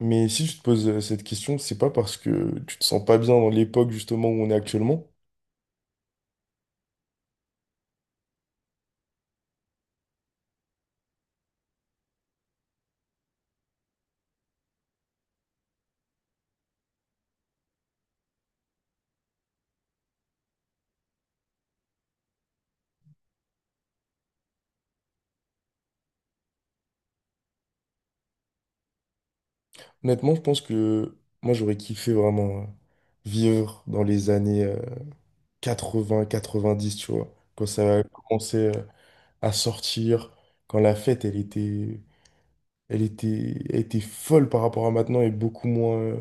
Mais si tu te poses cette question, c'est pas parce que tu te sens pas bien dans l'époque justement où on est actuellement. Honnêtement, je pense que moi j'aurais kiffé vraiment vivre dans les années 80, 90, tu vois, quand ça a commencé à sortir, quand la fête elle était folle par rapport à maintenant et beaucoup moins euh,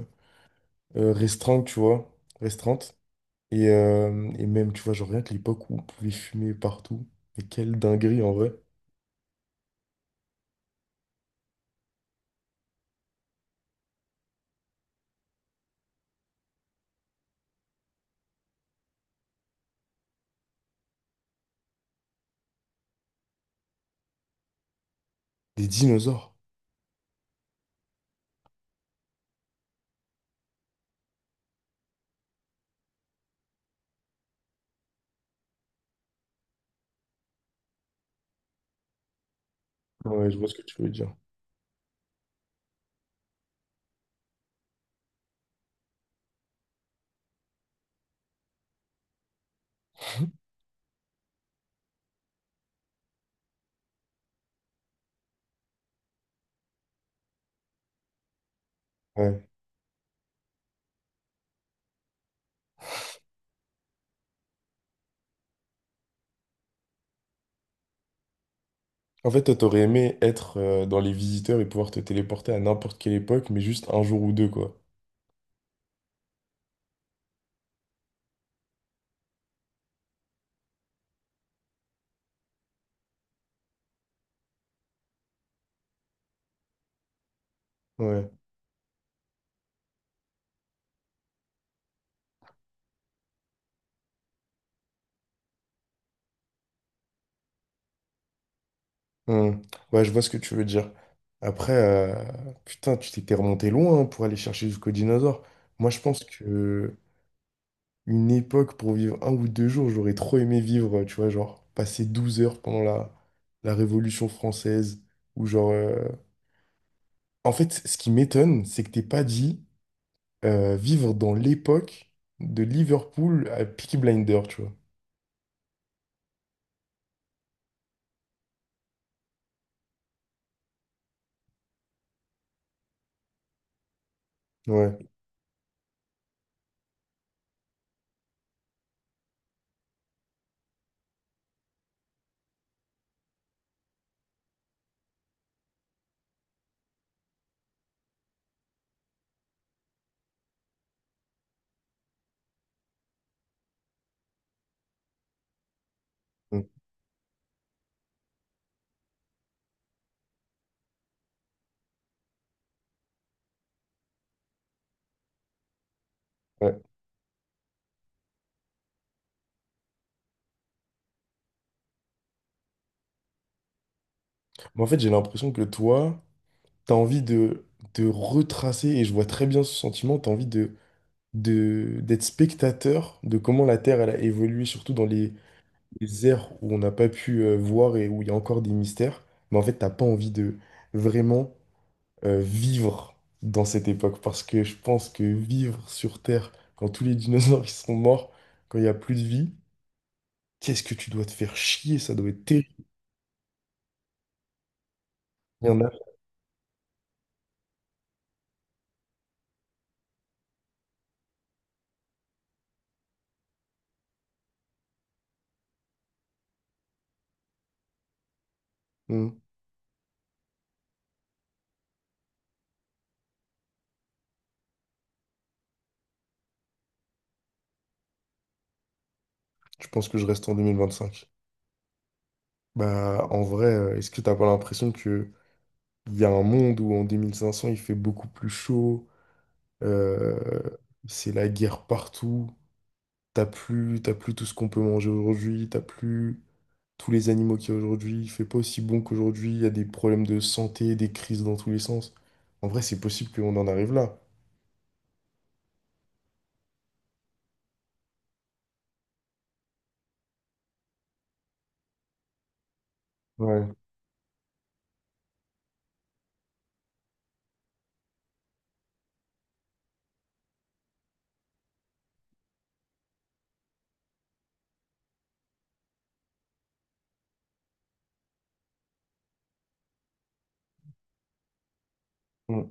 euh, restreinte, tu vois, restreinte. Et même, tu vois, genre rien que l'époque où on pouvait fumer partout. Mais quelle dinguerie en vrai. Des dinosaures. Ouais, je vois ce que tu veux dire. Ouais. En fait, toi, t'aurais aimé être dans les visiteurs et pouvoir te téléporter à n'importe quelle époque, mais juste un jour ou deux, quoi. Ouais. Hmm. Ouais, je vois ce que tu veux dire. Après, putain, tu t'étais remonté loin hein, pour aller chercher jusqu'au dinosaure. Moi, je pense que une époque pour vivre un ou deux jours, j'aurais trop aimé vivre, tu vois, genre passer 12 heures pendant la Révolution française. ou genre... euh, En fait, ce qui m'étonne, c'est que t'es pas dit, vivre dans l'époque de Liverpool à Peaky Blinder, tu vois. Ouais. Mm. Ouais. Mais en fait, j'ai l'impression que toi, t'as envie de retracer, et je vois très bien ce sentiment, t'as envie d'être spectateur de comment la Terre elle a évolué, surtout dans les ères où on n'a pas pu voir et où il y a encore des mystères. Mais en fait, t'as pas envie de vraiment vivre dans cette époque, parce que je pense que vivre sur Terre, quand tous les dinosaures ils sont morts, quand il n'y a plus de vie, qu'est-ce que tu dois te faire chier, ça doit être terrible. Il y en a. Hmm. Je pense que je reste en 2025. Bah, en vrai, est-ce que t'as pas l'impression que il y a un monde où en 2500 il fait beaucoup plus chaud, euh, c'est la guerre partout, t'as plus tout ce qu'on peut manger aujourd'hui, t'as plus tous les animaux qu'il y a aujourd'hui, il fait pas aussi bon qu'aujourd'hui, il y a des problèmes de santé, des crises dans tous les sens. En vrai, c'est possible qu'on en arrive là. Ouais. Hmm.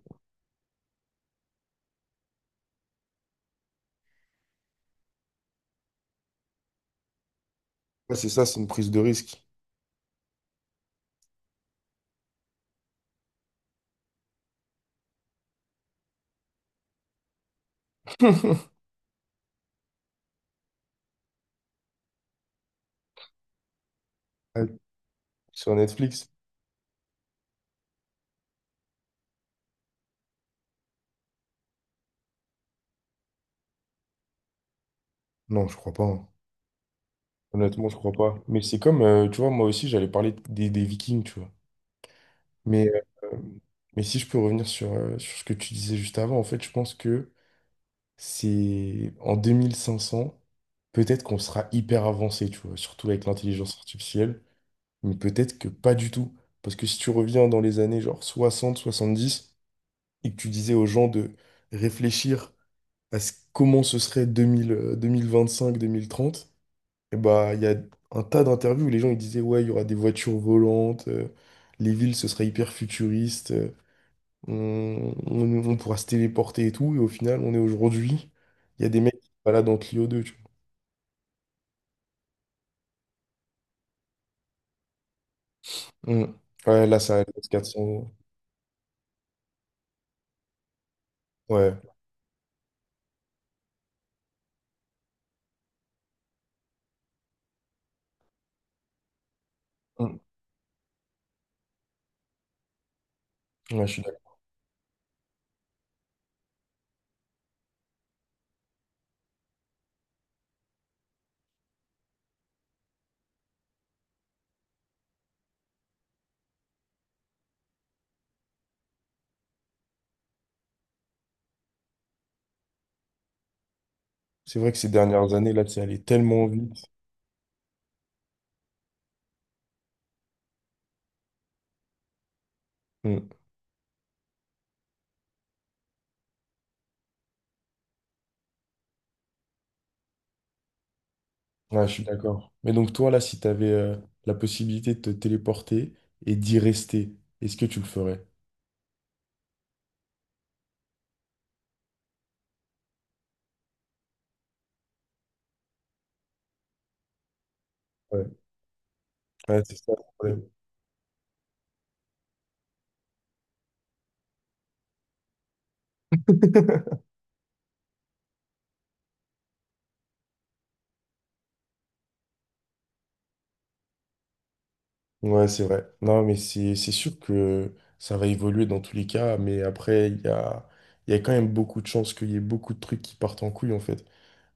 Ouais, c'est ça, c'est une prise de risque. Ouais, sur Netflix. Non, je crois pas, hein. Honnêtement, je crois pas. Mais c'est comme, tu vois, moi aussi, j'allais parler des Vikings, tu vois. Mais, euh, mais si je peux revenir sur ce que tu disais juste avant, en fait, je pense que c'est en 2500, peut-être qu'on sera hyper avancé, tu vois, surtout avec l'intelligence artificielle, mais peut-être que pas du tout. Parce que si tu reviens dans les années genre 60, 70, et que tu disais aux gens de réfléchir comment ce serait 2000, 2025, 2030. Et bah, il y a un tas d'interviews où les gens ils disaient, ouais, il y aura des voitures volantes, les villes, ce sera hyper futuriste, on pourra se téléporter et tout. Et au final, on est aujourd'hui, il y a des mecs qui se baladent en Clio 2, tu vois. Mm. Ouais, là, ça reste 400 euros. Ouais. Mm. Ouais, je suis d'accord. C'est vrai que ces dernières années, là, c'est allé tellement vite. Mm. Ouais, je suis d'accord. Mais donc, toi, là, si tu avais la possibilité de te téléporter et d'y rester, est-ce que tu le ferais? Ouais. Ouais, c'est ça le problème. Ouais, c'est vrai. Non, mais c'est sûr que ça va évoluer dans tous les cas, mais après, il y a quand même beaucoup de chances qu'il y ait beaucoup de trucs qui partent en couille, en fait.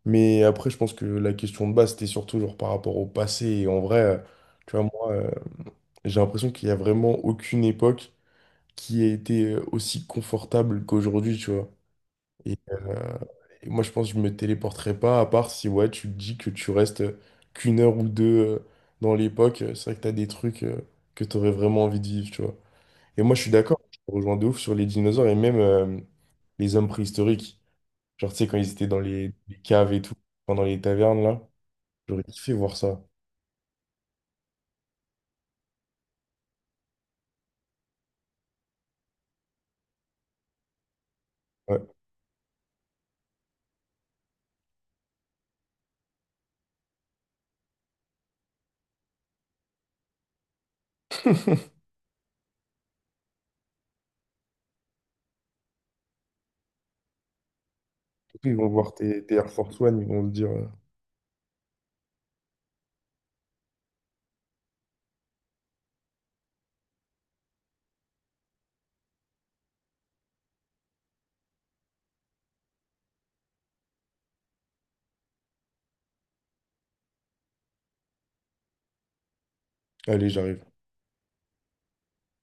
Mais après, je pense que la question de base, c'était surtout genre par rapport au passé. Et en vrai, tu vois, moi, j'ai l'impression qu'il n'y a vraiment aucune époque qui a été aussi confortable qu'aujourd'hui, tu vois. Et, euh, et moi, je pense que je me téléporterai pas, à part si ouais, tu te dis que tu restes qu'une heure ou deux euh, dans l'époque. C'est vrai que tu as des trucs que tu aurais vraiment envie de vivre, tu vois. Et moi, je suis d'accord, je te rejoins de ouf sur les dinosaures et même les hommes préhistoriques. Genre, tu sais, quand ils étaient dans les caves et tout, pendant les tavernes, là, j'aurais kiffé voir ça. Ouais. Ils vont voir tes Air Force One, ils vont se dire, allez, j'arrive.